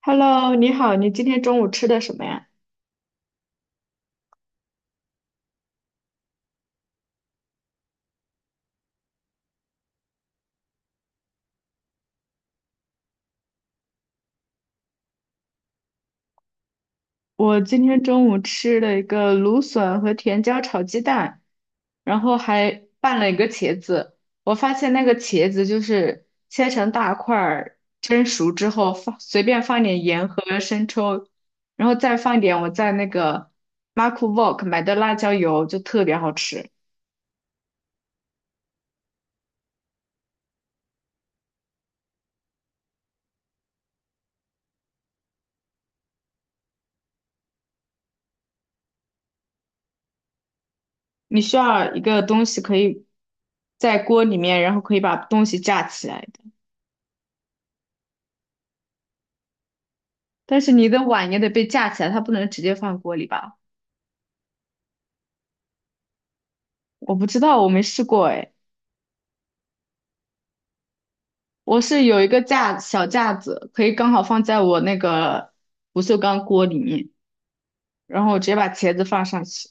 Hello，你好，你今天中午吃的什么呀？我今天中午吃了一个芦笋和甜椒炒鸡蛋，然后还拌了一个茄子。我发现那个茄子就是切成大块儿，蒸熟之后放随便放点盐和生抽，然后再放点我在那个 m a r k w a l k 买的辣椒油，就特别好吃。你需要一个东西可以在锅里面，然后可以把东西架起来。但是你的碗也得被架起来，它不能直接放锅里吧？我不知道，我没试过哎。我是有一个架小架子，可以刚好放在我那个不锈钢锅里面，然后我直接把茄子放上去。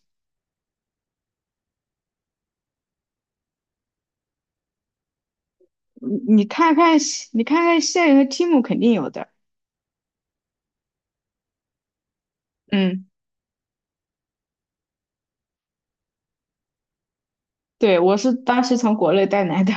你看看，你看看现有的 Tim 肯定有的。嗯，对，我是当时从国内带来的。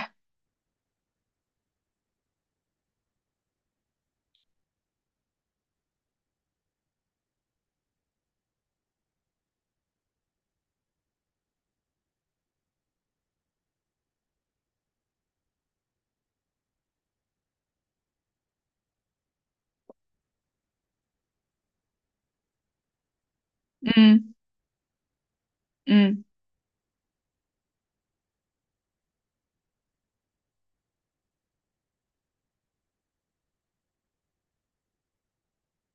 嗯嗯，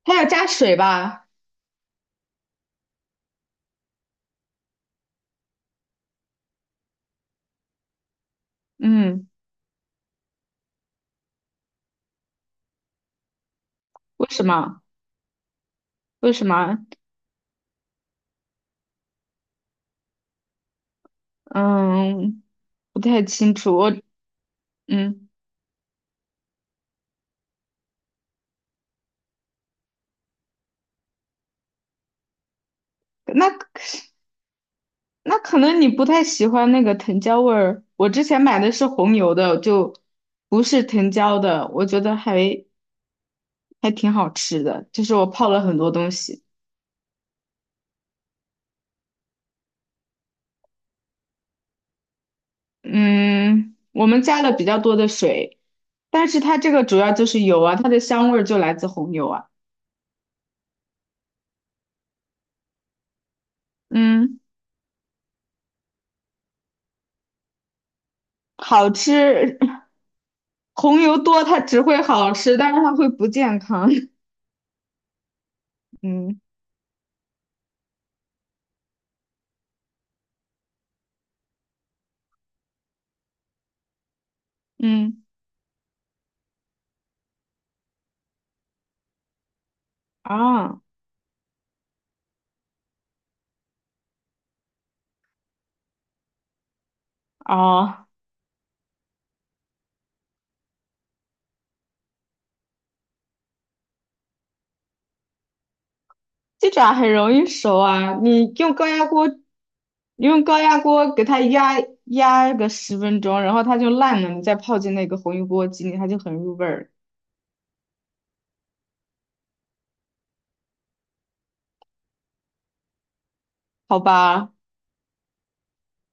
它要加水吧？嗯，为什么？为什么？嗯，不太清楚。我嗯，那。那可能你不太喜欢那个藤椒味儿。我之前买的是红油的，就不是藤椒的，我觉得还挺好吃的。就是我泡了很多东西，嗯，我们加了比较多的水，但是它这个主要就是油啊，它的香味儿就来自红油啊。嗯，好吃，红油多它只会好吃，但是它会不健康。嗯嗯啊哦。鸡爪很容易熟啊，你用高压锅，你用高压锅给它压个10分钟，然后它就烂了，你再泡进那个红油锅鸡里，它就很入味儿，好吧？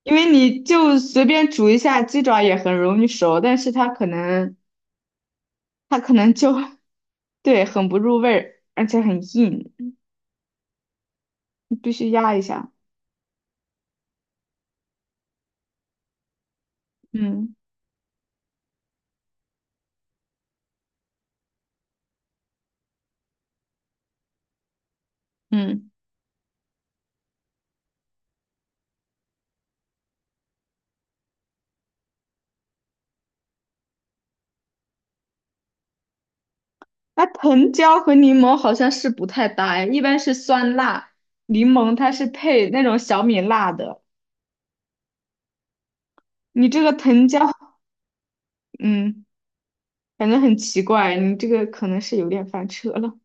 因为你就随便煮一下鸡爪也很容易熟，但是它可能就 对很不入味儿，而且很硬，你必须压一下。嗯嗯，那藤椒和柠檬好像是不太搭哎，一般是酸辣，柠檬它是配那种小米辣的。你这个藤椒，嗯，反正很奇怪，你这个可能是有点翻车了。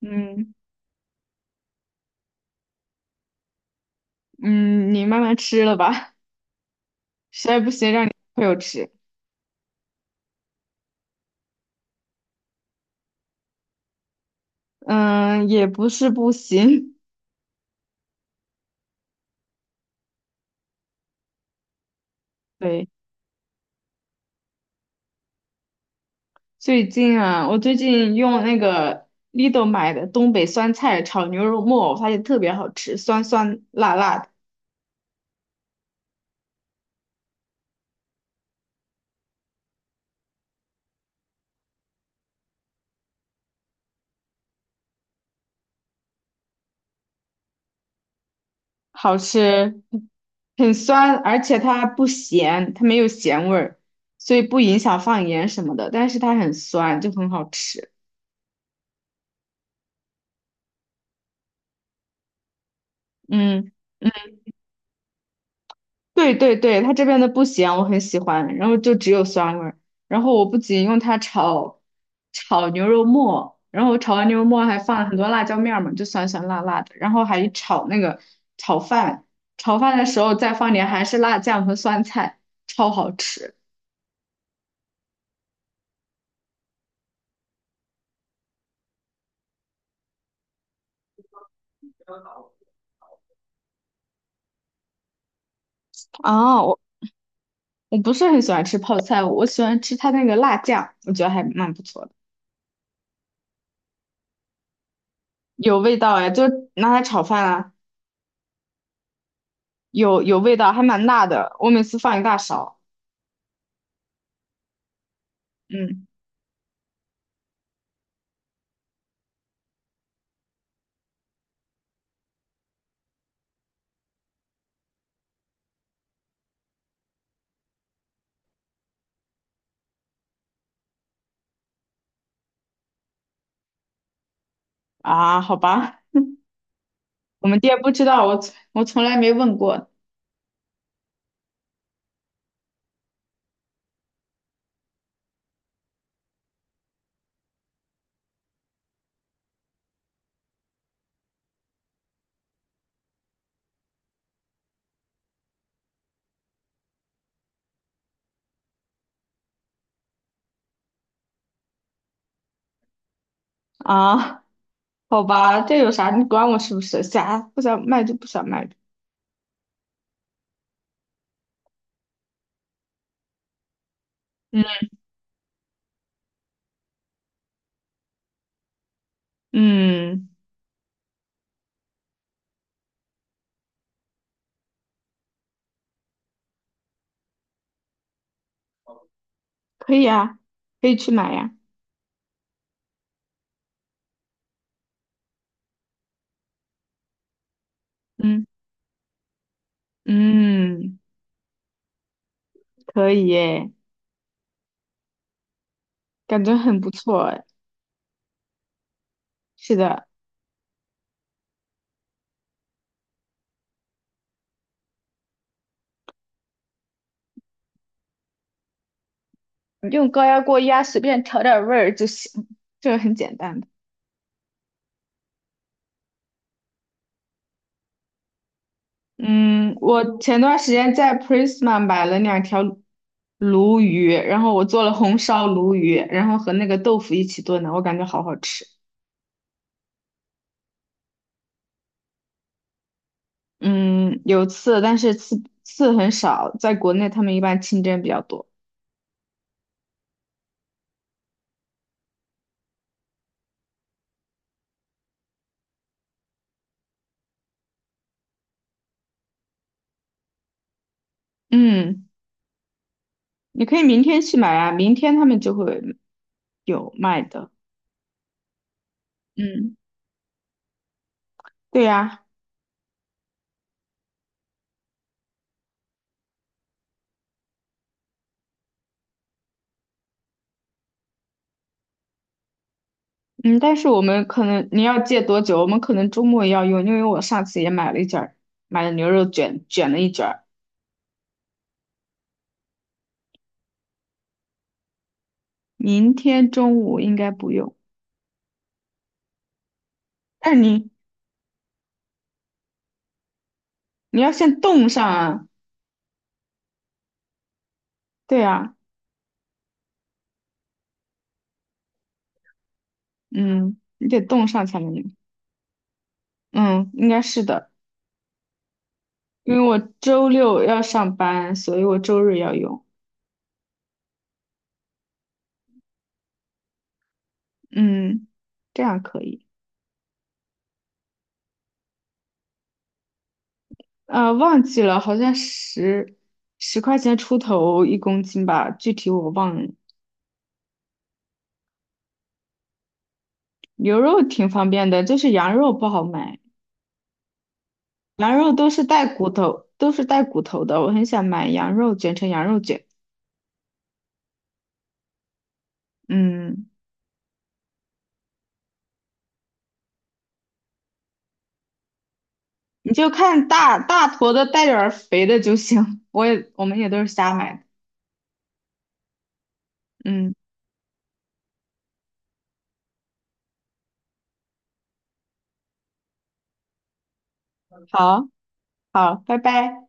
嗯嗯，你慢慢吃了吧，实在不行让你朋友吃。嗯，也不是不行。对，最近啊，我最近用那个 l i 买的东北酸菜炒牛肉末，我发现特别好吃，酸酸辣辣的，好吃，很酸，而且它不咸，它没有咸味儿，所以不影响放盐什么的，但是它很酸，就很好吃。嗯嗯，对对对，它这边的不咸，我很喜欢，然后就只有酸味儿。然后我不仅用它炒牛肉末，然后我炒完牛肉末还放了很多辣椒面儿嘛，就酸酸辣辣的。然后还炒那个炒饭，炒饭的时候再放点韩式辣酱和酸菜，超好吃。啊，我我不是很喜欢吃泡菜，我喜欢吃它那个辣酱，我觉得还蛮不错的，有味道哎，就拿来炒饭啊，有味道，还蛮辣的，我每次放一大勺。嗯啊，好吧，我们店不知道，我从来没问过啊，好吧，这有啥？你管我是不是？想不想卖就不想卖呗。嗯嗯，可以啊，可以去买呀。嗯嗯，可以耶，感觉很不错哎。是的，用高压锅压，随便调点味儿就行，这个很简单的。嗯，我前段时间在 Prisma 买了2条鲈鱼，然后我做了红烧鲈鱼，然后和那个豆腐一起炖的，我感觉好好吃。嗯，有刺，但是刺很少，在国内他们一般清蒸比较多。嗯，你可以明天去买啊，明天他们就会有卖的。嗯，对呀，嗯，但是我们可能你要借多久？我们可能周末要用，因为我上次也买了一卷儿买了牛肉卷，卷了一卷儿。明天中午应该不用，但是你要先冻上啊，对啊，嗯，你得冻上才能用，嗯，应该是的，因为我周六要上班，所以我周日要用，嗯，这样可以，呃，忘记了，好像10块钱出头1公斤吧，具体我忘了。牛肉挺方便的，就是羊肉不好买，羊肉都是带骨头，都是带骨头的，我很想买羊肉卷成羊肉卷，嗯。你就看大大坨的带点儿肥的就行。我们也都是瞎买的。嗯，好，好，拜拜。